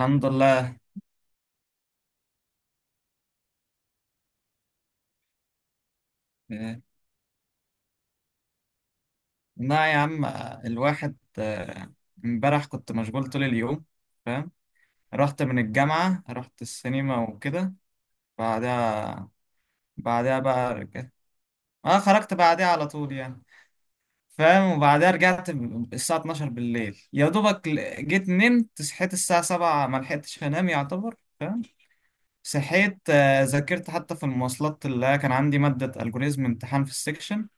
الحمد لله. آه، لا يا عم، الواحد امبارح كنت مشغول طول اليوم. فاهم. رحت من الجامعة، رحت السينما وكده. بعدها بقى رجعت. اه، خرجت بعدها على طول يعني. فاهم. وبعدها رجعت الساعة 12 بالليل يا دوبك، جيت نمت، صحيت الساعة 7 ما لحقتش انام يعتبر. فاهم. صحيت، ذاكرت حتى في المواصلات، اللي كان عندي مادة الجوريزم امتحان في السكشن.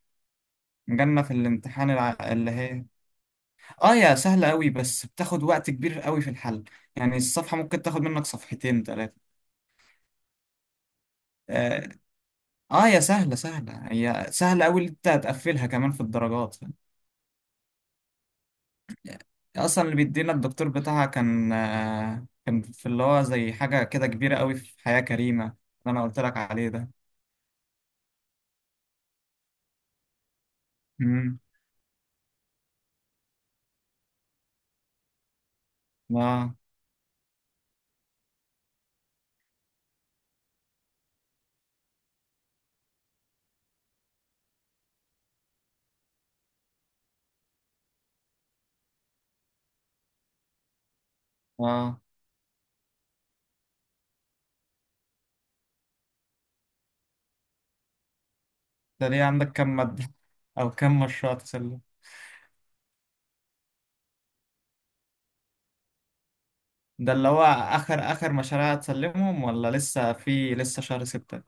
جالنا في الامتحان الع- اللي هي، اه يا سهلة قوي بس بتاخد وقت كبير قوي في الحل. يعني الصفحة ممكن تاخد منك صفحتين ثلاثة. آه, اه يا سهلة، سهلة هي سهلة قوي، اللي انت هتقفلها كمان في الدرجات. اصلا اللي بيدينا الدكتور بتاعها كان كان في اللي هو زي حاجة كده كبيرة قوي في حياة كريمة، اللي انا قلت لك عليه ده. امم اه، اه، ده ليه عندك كام مادة او كام مشروع تسلم؟ ده اللي هو اخر اخر مشاريع هتسلمهم، ولا لسه في لسه شهر ستة؟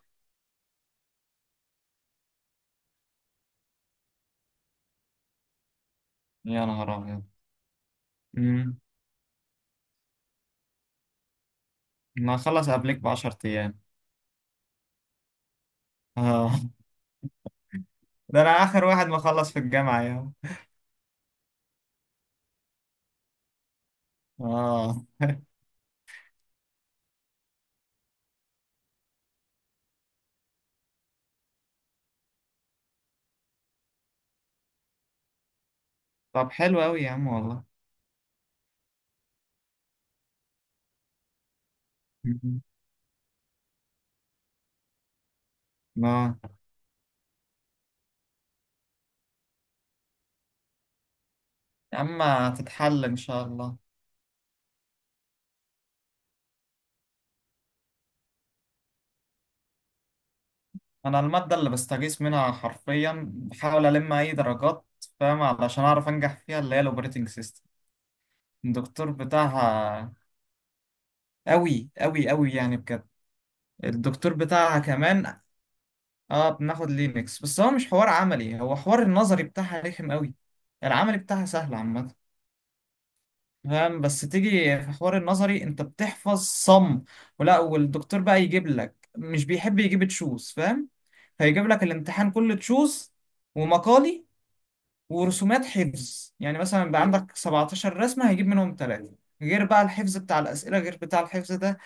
يا نهار ابيض. ما اخلص قبلك ب 10 ايام. اه ده انا اخر واحد مخلص في الجامعة يا عم. اه طب حلو قوي يا عم والله. مم. اه يا عم هتتحل ان شاء الله. انا المادة اللي بستغيث منها حرفيا، بحاول الم اي درجات. فاهم. علشان اعرف انجح فيها، اللي هي الاوبريتنج سيستم. الدكتور بتاعها قوي قوي قوي، يعني بجد. الدكتور بتاعها كمان. اه بناخد لينكس بس هو مش حوار عملي، هو حوار النظري بتاعها رخم قوي. العملي بتاعها سهل عامة. فاهم. بس تيجي في حوار النظري انت بتحفظ صم، ولا والدكتور بقى يجيب لك، مش بيحب يجيب تشوز. فاهم. فيجيب لك الامتحان كله تشوز، ومقالي، ورسومات حفظ. يعني مثلا بقى، عندك 17 رسمة هيجيب منهم ثلاثة، غير بقى الحفظ بتاع الأسئلة، غير بتاع الحفظ ده.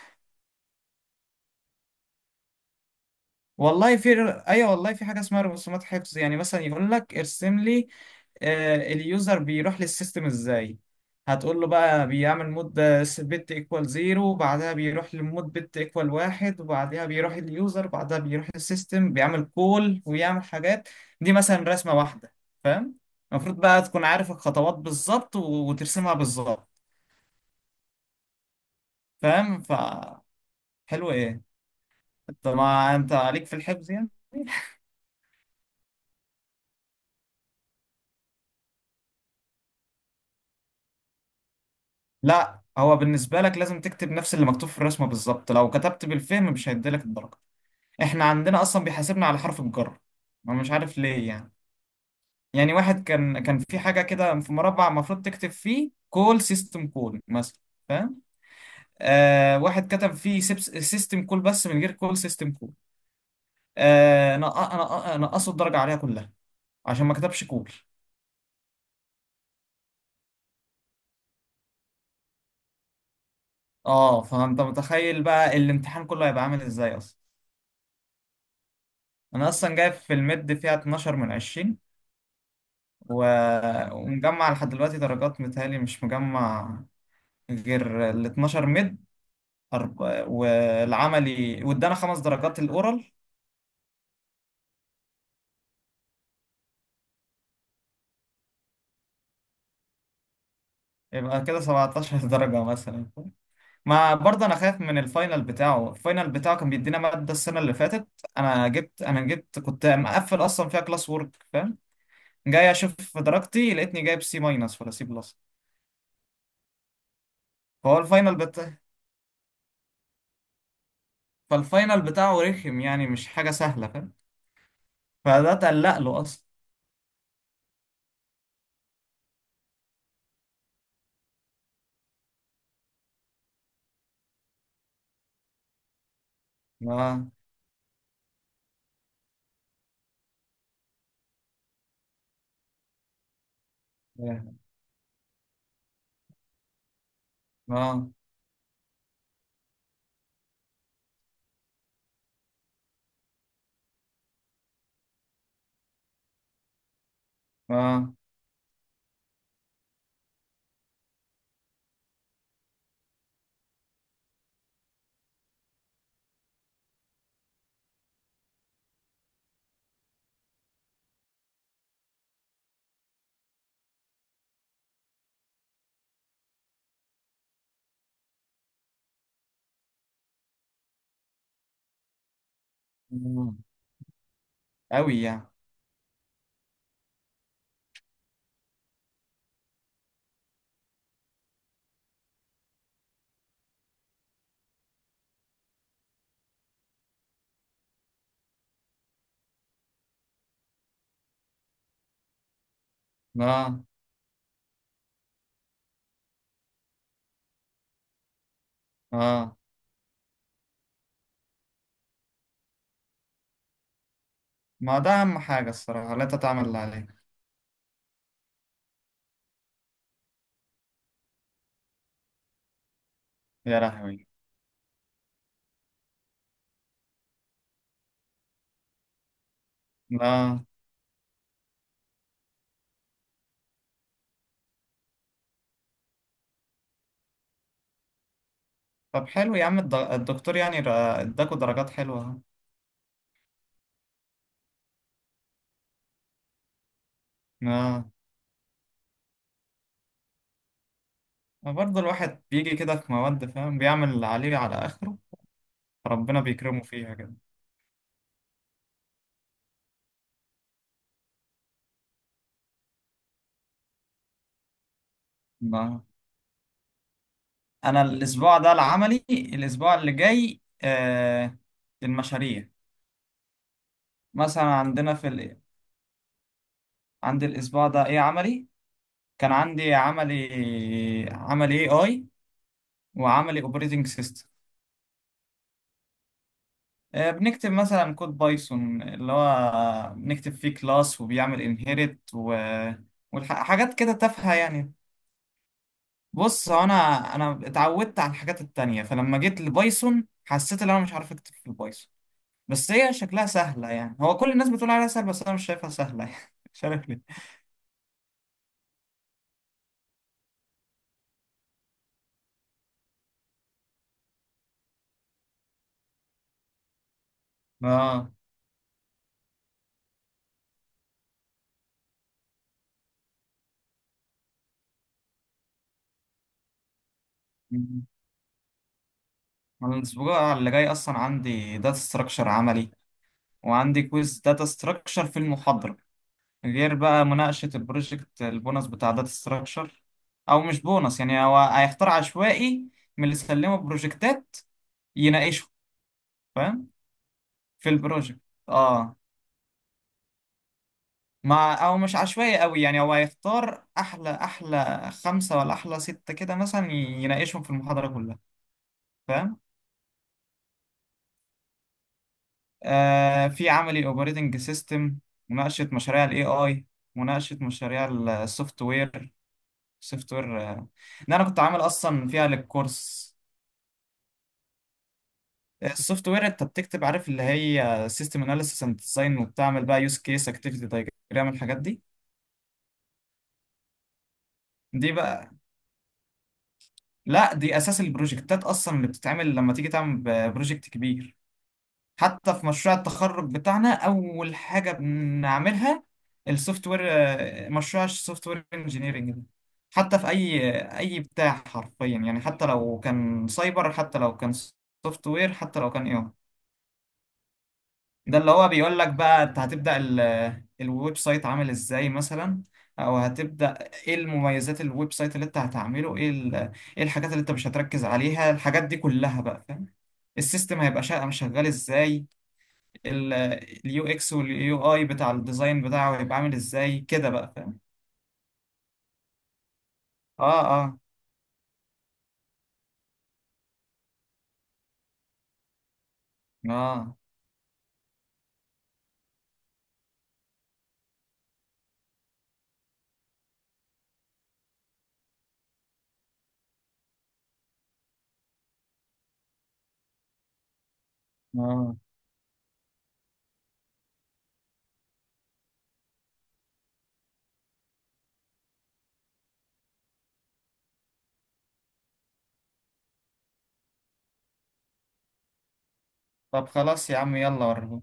والله في. أيوة، والله في حاجة اسمها رسومات حفظ. يعني مثلا يقول لك ارسم لي، اليوزر بيروح للسيستم ازاي. هتقول له بقى بيعمل مود بت ايكوال زيرو، بعدها بيروح لمود بت ايكوال واحد، وبعدها بيروح اليوزر، بعدها بيروح للسيستم بيعمل كول ويعمل حاجات. دي مثلا رسمة واحدة. فاهم. المفروض بقى تكون عارف الخطوات بالظبط وترسمها بالظبط. فاهم. ف حلو ايه. انت ما انت عليك في الحفظ يعني. لا، هو بالنسبة لك لازم تكتب نفس اللي مكتوب في الرسمة بالظبط، لو كتبت بالفهم مش هيديلك الدرجة. احنا عندنا اصلا بيحاسبنا على حرف الجر. ما مش عارف ليه يعني. يعني واحد كان في حاجه كده في مربع المفروض تكتب فيه كول سيستم كول مثلا. فاهم. واحد كتب فيه سيستم كول بس من غير كول سيستم كول. نقصوا الدرجه عليها كلها عشان ما كتبش كول. اه فانت متخيل بقى الامتحان كله هيبقى عامل ازاي اصلا. انا اصلا جايب في المد فيها 12 من 20، و... ومجمع لحد دلوقتي درجات متهيألي مش مجمع، غير ال 12 مد. أرب... والعملي وادانا خمس درجات الاورال. يبقى كده 17 درجة مثلا. ما برضه انا خايف من الفاينل بتاعه، الفاينل بتاعه كان بيدينا مادة السنة اللي فاتت. انا جبت كنت مقفل اصلا فيها كلاس وورك. فاهم. جاي اشوف درجتي لقيتني جايب سي ماينس ولا سي بلس. فهو الفاينل بتاع فالفاينل بتاعه رخم، يعني مش حاجة سهلة. فاهم. فده تقلق له اصلا. اه، اه، اه، آه. قوي يعني. اه، اه. ما ده أهم حاجة الصراحة، لا تتعمل اللي عليك. يا لهوي. لا، طب حلو يا عم. الدكتور يعني اداكوا درجات حلوة أهو. لا، برضه الواحد بيجي كده في مواد، فاهم، بيعمل اللي عليه على آخره، ربنا بيكرمه فيها كده. لا، أنا الأسبوع ده العملي، الأسبوع اللي جاي المشاريع. مثلا عندنا في ال... عندي الأسبوع ده إيه عملي. كان عندي عملي AI وعملي Operating System. بنكتب مثلا كود بايثون، اللي هو بنكتب فيه كلاس وبيعمل انهيرت و... وحاجات كده تافهة يعني. بص هو انا اتعودت على الحاجات التانية، فلما جيت لبايثون حسيت ان انا مش عارف اكتب في البايثون. بس هي شكلها سهلة يعني، هو كل الناس بتقول عليها سهلة بس انا مش شايفها سهلة يعني مش عارف ليه. اه. مم. أنا الاسبوع اللي جاي اصلا عندي داتا ستراكشر عملي، وعندي كويز داتا ستراكشر في المحاضرة. غير بقى مناقشة البروجكت البونص بتاع داتا ستراكشر، أو مش بونص يعني، هو هيختار عشوائي من اللي سلموا بروجكتات يناقشه. فاهم. في البروجكت. اه. مع أو مش عشوائي قوي يعني، هو هيختار أحلى أحلى خمسة ولا أحلى ستة كده مثلا، يناقشهم في المحاضرة كلها. فاهم. في عملي أوبريتنج سيستم، مناقشة مشاريع ال AI، مناقشة مشاريع السوفت وير. سوفت وير ان انا كنت عامل اصلا فيها للكورس. السوفت وير انت بتكتب، عارف اللي هي سيستم اناليسيس اند ديزاين، وبتعمل بقى يوز كيس اكتيفيتي دايجرام الحاجات دي. دي بقى لا، دي اساس البروجكتات اصلا اللي بتتعمل لما تيجي تعمل بروجكت كبير. حتى في مشروع التخرج بتاعنا اول حاجه بنعملها السوفت وير، مشروع السوفت وير انجينيرنج ده. حتى في اي بتاع حرفيا يعني، حتى لو كان سايبر حتى لو كان سوفت وير حتى لو كان اي. ده اللي هو بيقول لك بقى انت هتبدأ الويب سايت عامل ازاي مثلا، او هتبدأ ايه المميزات الويب سايت اللي انت هتعمله، ايه ايه الحاجات اللي انت مش هتركز عليها، الحاجات دي كلها بقى. فاهم. السيستم هيبقى شغال ازاي، اليو اكس واليو اي بتاع الديزاين بتاعه هيبقى عامل ازاي كده بقى. فاهم. اه، اه، اه، اه. طب خلاص يا عم، يلا وريهولي.